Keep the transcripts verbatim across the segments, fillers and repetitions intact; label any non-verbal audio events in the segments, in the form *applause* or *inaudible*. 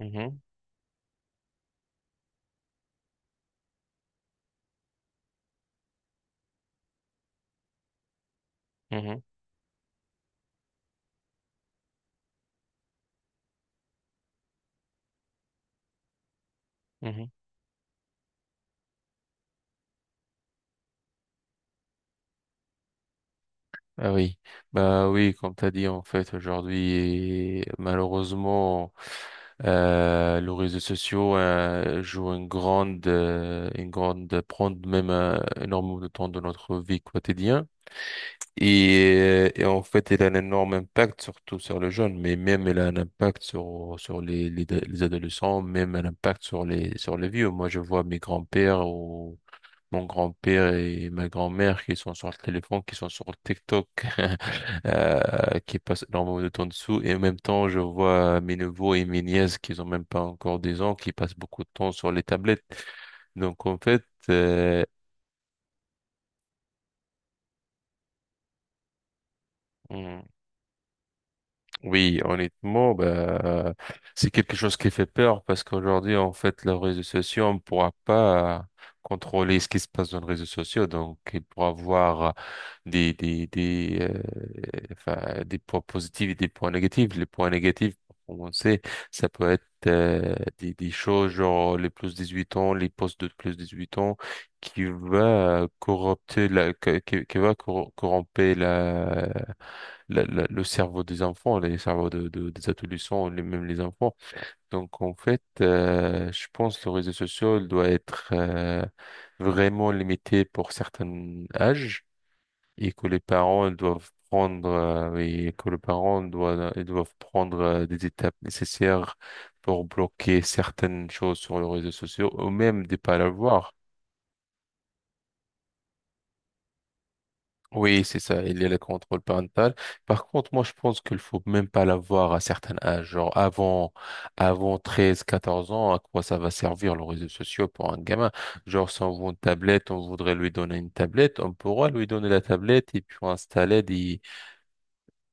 Mhm, mhm, mhm. Ah oui, bah oui, comme t'as dit en fait aujourd'hui, malheureusement, euh, les réseaux sociaux euh, jouent une grande, euh, une grande, prennent même euh, énormément de temps de notre vie quotidienne et, euh, et en fait, il a un énorme impact surtout sur les jeunes, mais même il a un impact sur sur les les, les adolescents, même un impact sur les sur les vieux. Moi, je vois mes grands-pères ou mon grand-père et ma grand-mère qui sont sur le téléphone, qui sont sur TikTok, *laughs* euh, qui passent énormément de temps dessous. Et en même temps, je vois mes neveux et mes nièces qui ont même pas encore des ans, qui passent beaucoup de temps sur les tablettes. Donc, en fait, euh, hmm, oui, honnêtement, bah, c'est quelque chose qui fait peur parce qu'aujourd'hui, en fait, les réseaux sociaux, on ne pourra pas contrôler ce qui se passe dans les réseaux sociaux. Donc, il pourra avoir des, des, des, euh, enfin, des points positifs et des points négatifs. Les points négatifs, pour commencer, ça peut être euh, des, des choses genre les plus dix-huit ans, les postes de plus dix-huit ans qui va corrupter la, qui, qui va corromper la, la- la- le cerveau des enfants, les cerveaux de, de- des adolescents, les, même les enfants. Donc en fait, euh, je pense que le réseau social doit être euh, vraiment limité pour certains âges et que les parents doivent prendre euh, et que les parents doivent, ils doivent prendre euh, des étapes nécessaires pour bloquer certaines choses sur les réseaux sociaux ou même de pas l'avoir. Oui, c'est ça, il y a le contrôle parental. Par contre, moi, je pense qu'il faut même pas l'avoir à certains âges, genre avant, avant treize, quatorze ans, à quoi ça va servir les réseaux sociaux pour un gamin? Genre, si on veut une tablette, on voudrait lui donner une tablette, on pourra lui donner la tablette et puis installer,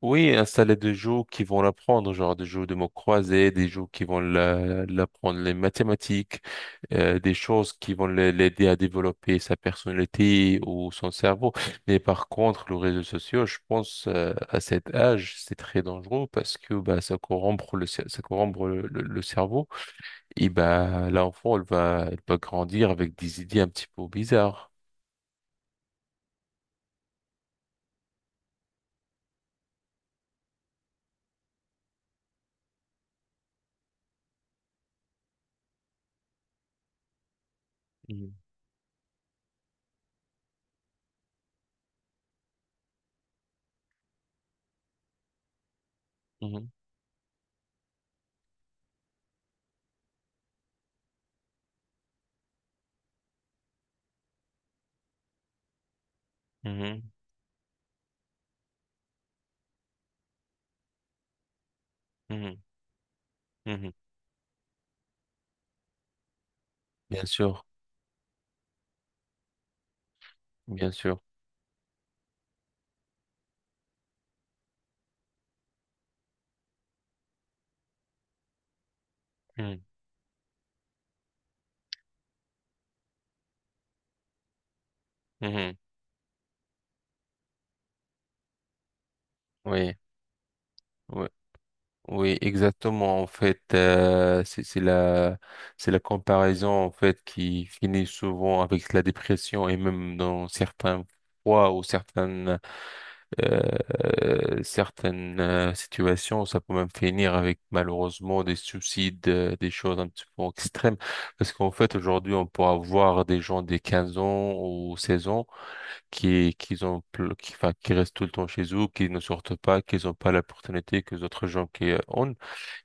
oui, installer des jeux qui vont l'apprendre, genre des jeux de mots croisés, des jeux qui vont la- l'apprendre les mathématiques, euh, des choses qui vont l'a- l'aider à développer sa personnalité ou son cerveau. Mais par contre, le réseau social, je pense, euh, à cet âge, c'est très dangereux parce que bah, ça corrompt le, cer- ça corrompt le, le- le cerveau. Et bah, l'enfant, elle va, elle va grandir avec des idées un petit peu bizarres. Mhm, mhm, mhm, mhm, mhm. Bien sûr, bien sûr. Mhm, mhm. Oui, oui, oui, exactement. En fait, euh, c'est c'est la, c'est la comparaison en fait qui finit souvent avec la dépression et même dans certains fois ou certaines, euh, certaines euh, situations, ça peut même finir avec malheureusement des suicides, euh, des choses un petit peu extrêmes. Parce qu'en fait, aujourd'hui, on peut avoir des gens de quinze ans ou seize ans qui, qui ont, pl- qui, enfin, qui restent tout le temps chez eux, qui ne sortent pas, qui n'ont pas l'opportunité que les autres gens qui euh, ont.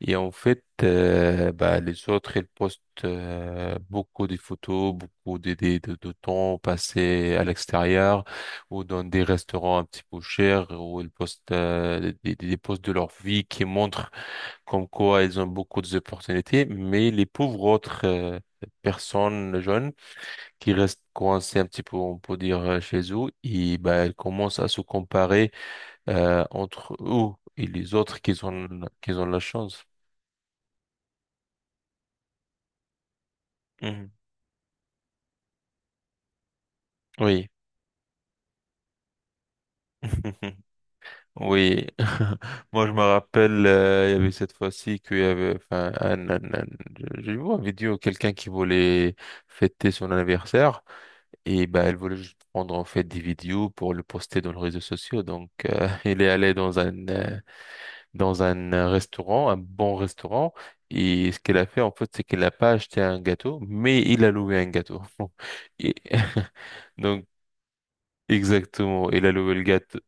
Et en fait, euh, bah, les autres, ils postent euh, beaucoup de photos, beaucoup de, de, de, de temps passé à l'extérieur ou dans des restaurants un petit peu chers où ils postent euh, des, des des posts de leur vie qui montrent comme quoi ils ont beaucoup d'opportunités, mais les pauvres autres euh, personnes jeunes, qui restent coincés un petit peu, on peut dire, euh, chez eux, et bah, elles commencent à se comparer euh, entre eux et les autres qui ont, qui ont la chance. Mhm. Oui. *laughs* Oui, *laughs* moi je me rappelle, euh, il y avait cette fois-ci qu'il y avait, enfin, un, un- un- je- j'ai vu une vidéo, quelqu'un qui voulait fêter son anniversaire et bah elle voulait juste prendre en fait des vidéos pour le poster dans les réseaux sociaux. Donc euh, *laughs* il est allé dans un, euh, dans un restaurant, un bon restaurant. Et ce qu'elle a fait, en fait, c'est qu'elle n'a pas acheté un gâteau, mais il a loué un gâteau. *laughs* Et- *laughs* donc, exactement, il a loué le gâteau.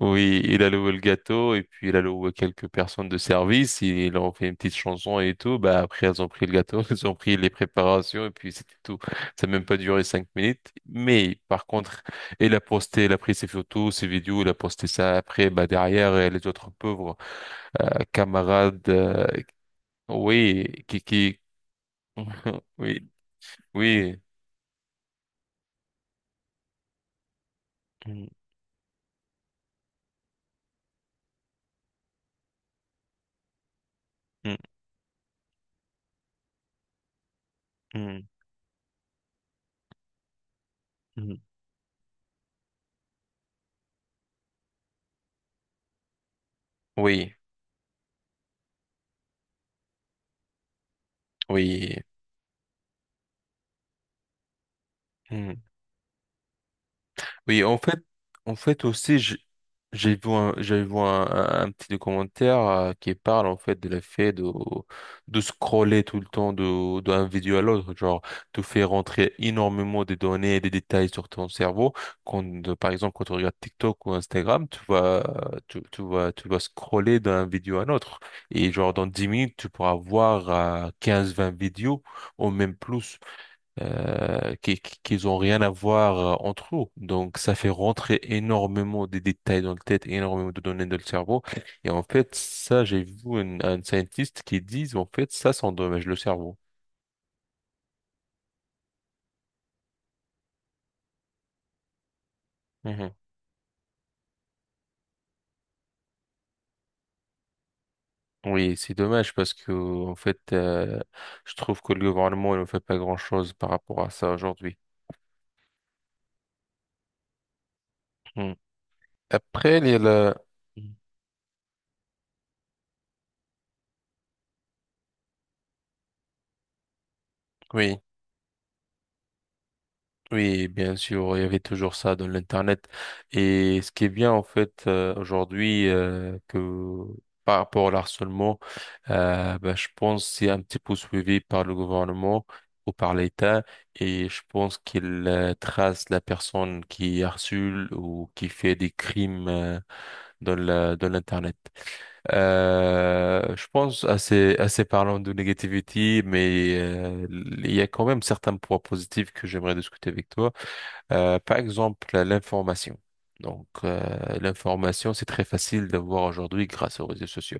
Oui, il a loué le gâteau et puis il a loué quelques personnes de service. Ils leur a fait une petite chanson et tout. Bah, après, elles ont pris le gâteau, *laughs* elles ont pris les préparations et puis c'était tout. Ça n'a même pas duré cinq minutes. Mais par contre, il a posté, il a pris ses photos, ses vidéos, il a posté ça après, bah, derrière, euh, les autres pauvres euh, camarades, euh, oui, qui, qui, *laughs* oui, oui, mm, mm, mm, mm, oui, oui. Mmh. Oui, en fait, en fait aussi, j- j'ai vu un, j'ai vu un, un- un petit documentaire euh, qui parle en fait de l'effet de, de scroller tout le temps de, d'un vidéo à l'autre, genre te faire rentrer énormément de données et des détails sur ton cerveau. Quand, euh, par exemple, quand tu regardes TikTok ou Instagram, tu vas, tu, tu vas, tu vas scroller d'un vidéo à l'autre. Et genre dans dix minutes, tu pourras voir euh, quinze, vingt vidéos ou même plus euh, qui, qui- qu'ils ont rien à voir euh, entre eux. Donc, ça fait rentrer énormément de détails dans le tête, énormément de données dans le cerveau. Et en fait, ça, j'ai vu un, un scientiste qui dit, en fait, ça, ça endommage le cerveau. Mhm. Oui, c'est dommage parce que, en fait, euh, je trouve que le gouvernement ne fait pas grand-chose par rapport à ça aujourd'hui. Mhm. Après, il y a la. Mhm. Oui. Oui, bien sûr, il y avait toujours ça dans l'Internet. Et ce qui est bien, en fait, euh, aujourd'hui, euh, que par rapport à l'harcèlement, euh, ben, je pense que c'est un petit peu suivi par le gouvernement ou par l'État. Et je pense qu'il euh, trace la personne qui harcèle ou qui fait des crimes euh, dans la, dans l'Internet. Euh, je pense assez, assez parlant de négativité, mais euh, il y a quand même certains points positifs que j'aimerais discuter avec toi. Euh, par exemple, l'information. Donc, euh, l'information, c'est très facile d'avoir aujourd'hui grâce aux réseaux sociaux.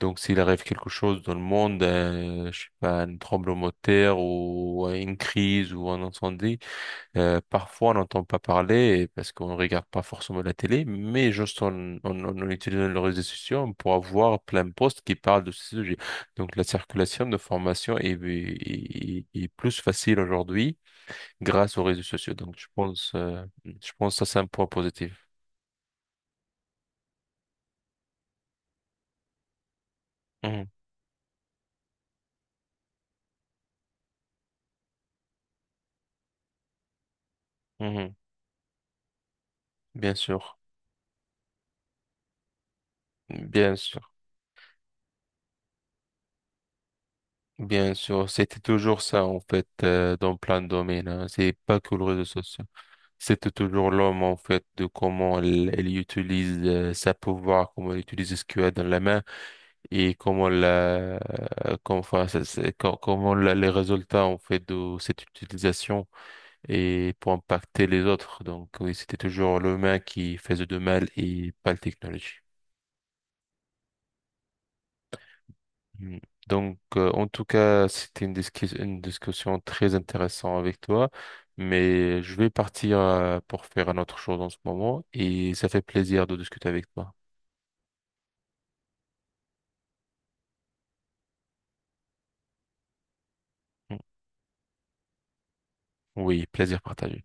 Donc, s'il arrive quelque chose dans le monde, euh, je sais pas, un tremblement de terre ou une crise ou un incendie, euh, parfois on n'entend pas parler parce qu'on ne regarde pas forcément la télé, mais juste en, en, en- en utilisant les réseaux sociaux, on pourra voir plein de posts qui parlent de ce sujet. Donc, la circulation de formation est, est est- est plus facile aujourd'hui grâce aux réseaux sociaux. Donc, je pense, euh, je pense que ça, c'est un point positif. Mhm, mhm. Bien sûr, bien sûr, bien sûr. C'était toujours ça, en fait, euh, dans plein de domaines. Hein. C'est pas que le réseau social. C'était toujours l'homme, en fait, de comment elle, elle utilise euh, sa pouvoir, comment elle utilise ce qu'elle a dans la main et comment la, euh, comment, enfin, ça- c'est- co- comment la- les résultats, en fait, de cette utilisation. Et pour impacter les autres. Donc oui, c'était toujours l'humain qui faisait de mal et pas la technologie. Mm. Donc euh, en tout cas, c'était une discus- une discussion très intéressante avec toi, mais je vais partir euh, pour faire un autre chose en ce moment et ça fait plaisir de discuter avec toi. Mm. Oui, plaisir partagé.